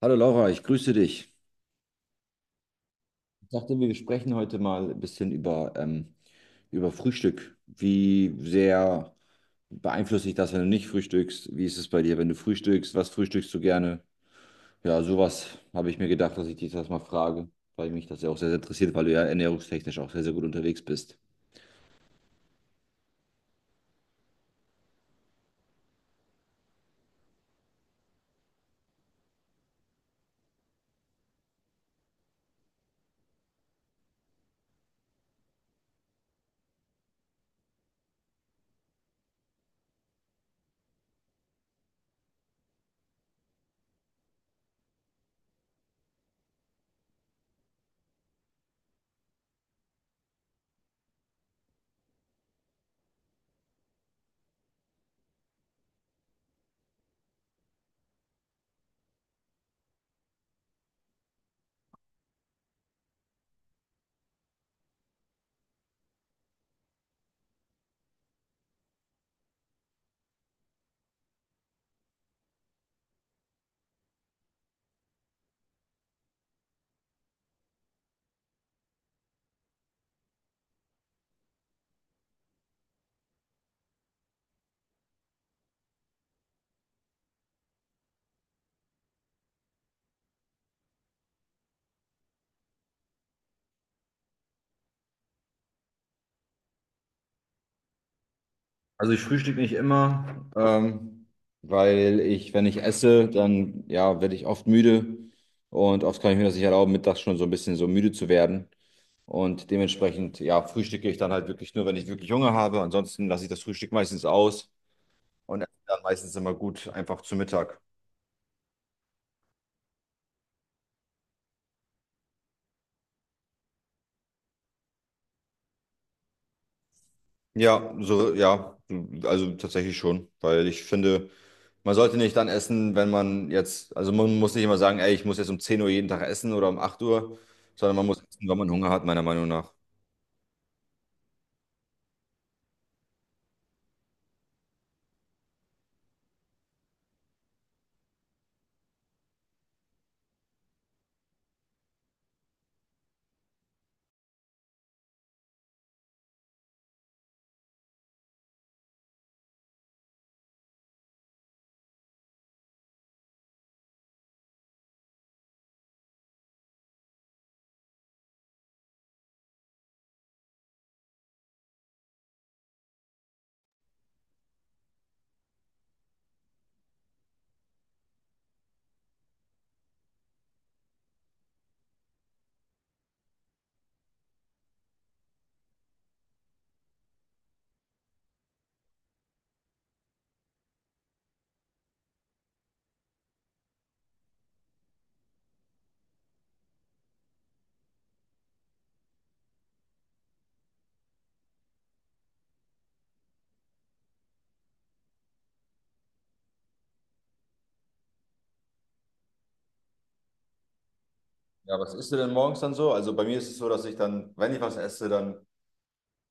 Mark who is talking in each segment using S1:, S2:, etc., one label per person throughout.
S1: Hallo Laura, ich grüße dich. Ich dachte, wir sprechen heute mal ein bisschen über über Frühstück. Wie sehr beeinflusst dich das, wenn du nicht frühstückst? Wie ist es bei dir, wenn du frühstückst? Was frühstückst du gerne? Ja, sowas habe ich mir gedacht, dass ich dich das mal frage, weil mich das ja auch sehr, sehr interessiert, weil du ja ernährungstechnisch auch sehr, sehr gut unterwegs bist. Also ich frühstücke nicht immer, weil ich, wenn ich esse, dann ja, werde ich oft müde und oft kann ich mir das nicht erlauben, mittags schon so ein bisschen so müde zu werden. Und dementsprechend, ja, frühstücke ich dann halt wirklich nur, wenn ich wirklich Hunger habe. Ansonsten lasse ich das Frühstück meistens aus und esse dann meistens immer gut einfach zu Mittag. Ja, so, ja, also tatsächlich schon, weil ich finde, man sollte nicht dann essen, wenn man jetzt, also man muss nicht immer sagen, ey, ich muss jetzt um 10 Uhr jeden Tag essen oder um 8 Uhr, sondern man muss essen, wenn man Hunger hat, meiner Meinung nach. Ja, was isst du denn morgens dann so? Also bei mir ist es so, dass ich dann, wenn ich was esse, dann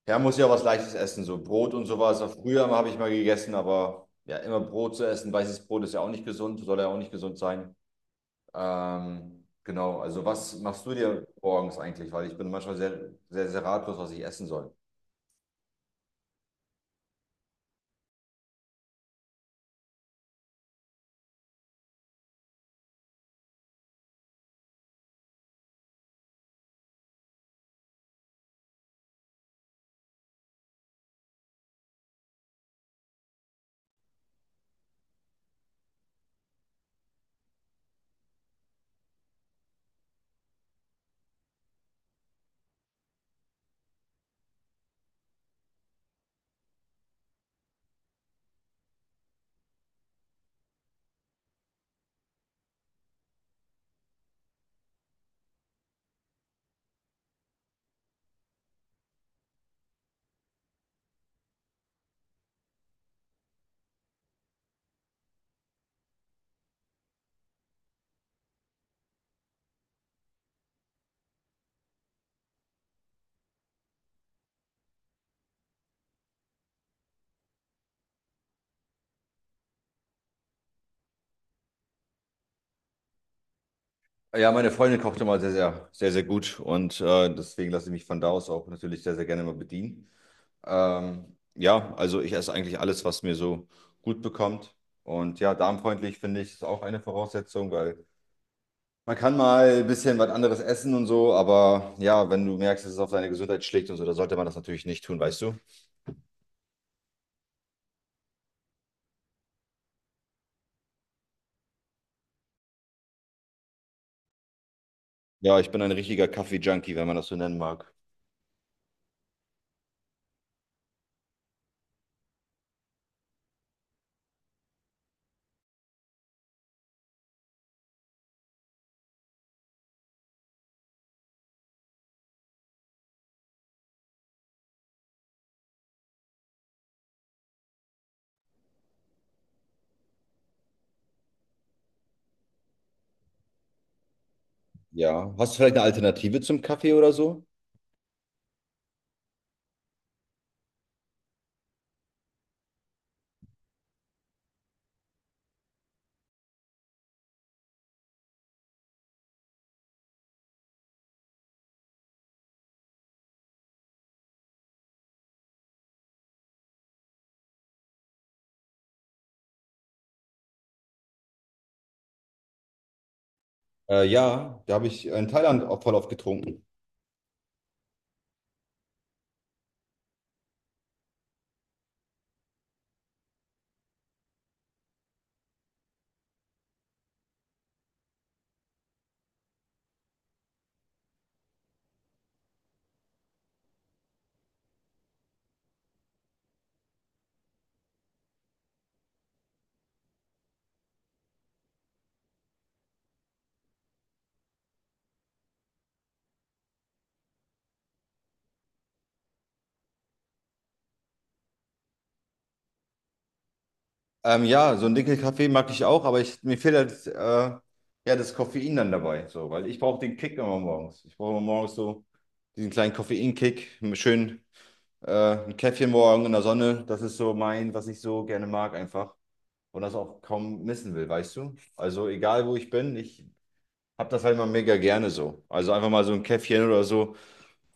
S1: ja, muss ja was Leichtes essen, so Brot und sowas. Früher habe ich mal gegessen, aber ja, immer Brot zu essen. Weißes Brot ist ja auch nicht gesund, soll ja auch nicht gesund sein. Genau, also was machst du dir morgens eigentlich? Weil ich bin manchmal sehr, sehr, sehr ratlos, was ich essen soll. Ja, meine Freundin kocht immer sehr, sehr, sehr, sehr gut und deswegen lasse ich mich von da aus auch natürlich sehr, sehr gerne mal bedienen. Ja, also ich esse eigentlich alles, was mir so gut bekommt. Und ja, darmfreundlich finde ich, ist auch eine Voraussetzung, weil man kann mal ein bisschen was anderes essen und so, aber ja, wenn du merkst, dass es auf deine Gesundheit schlägt und so, dann sollte man das natürlich nicht tun, weißt du? Ja, ich bin ein richtiger Kaffee-Junkie, wenn man das so nennen mag. Ja. Hast du vielleicht eine Alternative zum Kaffee oder so? Ja, da habe ich in Thailand auch voll oft getrunken. Ja, so einen Dinkelkaffee mag ich auch, aber ich, mir fehlt halt ja, das Koffein dann dabei, so, weil ich brauche den Kick immer morgens. Ich brauche immer morgens so diesen kleinen Koffeinkick, schön. Ein Käffchen morgen in der Sonne, das ist so mein, was ich so gerne mag einfach und das auch kaum missen will, weißt du? Also egal, wo ich bin, ich habe das halt immer mega gerne so. Also einfach mal so ein Käffchen oder so.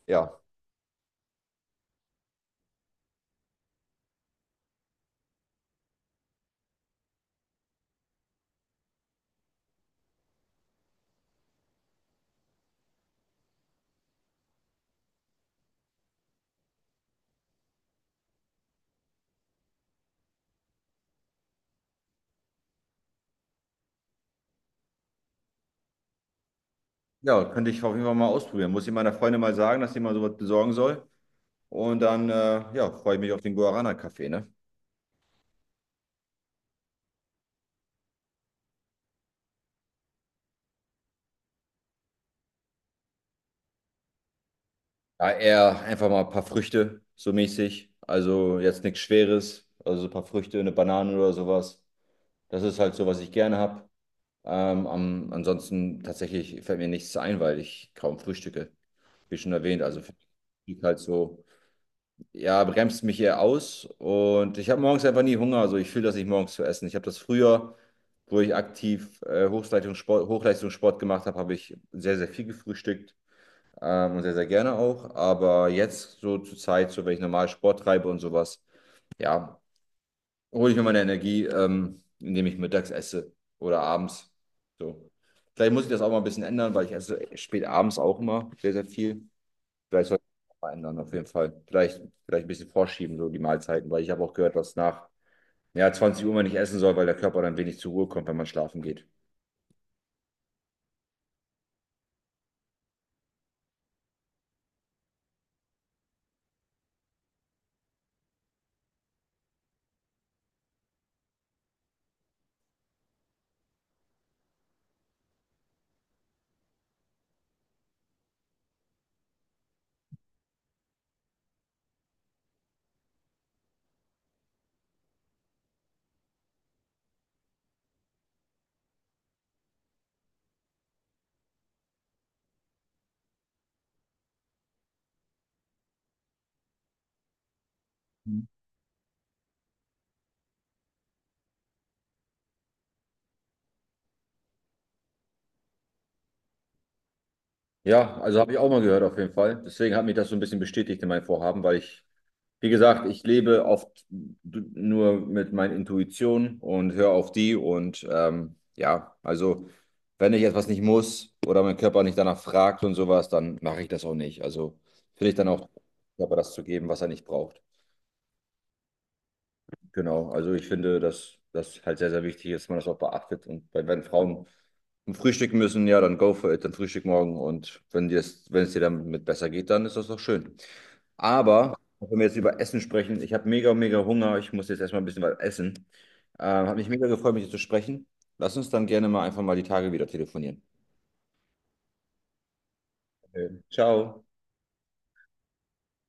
S1: Ja, ja, könnte ich auf jeden Fall mal ausprobieren. Muss ich meiner Freundin mal sagen, dass sie mal sowas besorgen soll. Und dann, ja, freue ich mich auf den Guarana-Kaffee, ne? Ja, eher einfach mal ein paar Früchte, so mäßig. Also jetzt nichts Schweres, also so ein paar Früchte, eine Banane oder sowas. Das ist halt so, was ich gerne habe. Ansonsten tatsächlich fällt mir nichts ein, weil ich kaum frühstücke, wie schon erwähnt. Also Frühstück halt so, ja, bremst mich eher aus und ich habe morgens einfach nie Hunger. Also ich fühle das nicht morgens zu essen. Ich habe das früher, wo ich aktiv Hochleistungssport gemacht habe, habe ich sehr, sehr viel gefrühstückt und sehr, sehr gerne auch. Aber jetzt so zur Zeit, so wenn ich normal Sport treibe und sowas, ja, hole ich mir meine Energie, indem ich mittags esse oder abends. So. Vielleicht muss ich das auch mal ein bisschen ändern, weil ich esse spät abends auch immer sehr, sehr viel. Vielleicht sollte ich das mal ändern, auf jeden Fall. Vielleicht ein bisschen vorschieben, so die Mahlzeiten, weil ich habe auch gehört, was nach ja, 20 Uhr man nicht essen soll, weil der Körper dann wenig zur Ruhe kommt, wenn man schlafen geht. Mhm. Ja, also habe ich auch mal gehört, auf jeden Fall. Deswegen hat mich das so ein bisschen bestätigt in meinem Vorhaben, weil ich, wie gesagt, ich lebe oft nur mit meinen Intuitionen und höre auf die. Und ja, also wenn ich etwas nicht muss oder mein Körper nicht danach fragt und sowas, dann mache ich das auch nicht. Also finde ich dann auch, dem Körper das zu geben, was er nicht braucht. Genau, also ich finde, dass das halt sehr, sehr wichtig ist, dass man das auch beachtet. Und bei- wenn Frauen frühstücken müssen, ja, dann go for it, dann frühstück morgen. Und wenn dir das, wenn es dir damit besser geht, dann ist das doch schön. Aber, wenn wir jetzt über Essen sprechen, ich habe mega, mega Hunger. Ich muss jetzt erstmal ein bisschen was essen. Hat mich mega gefreut, mit dir zu sprechen. Lass uns dann gerne mal einfach mal die Tage wieder telefonieren. Okay. Ciao.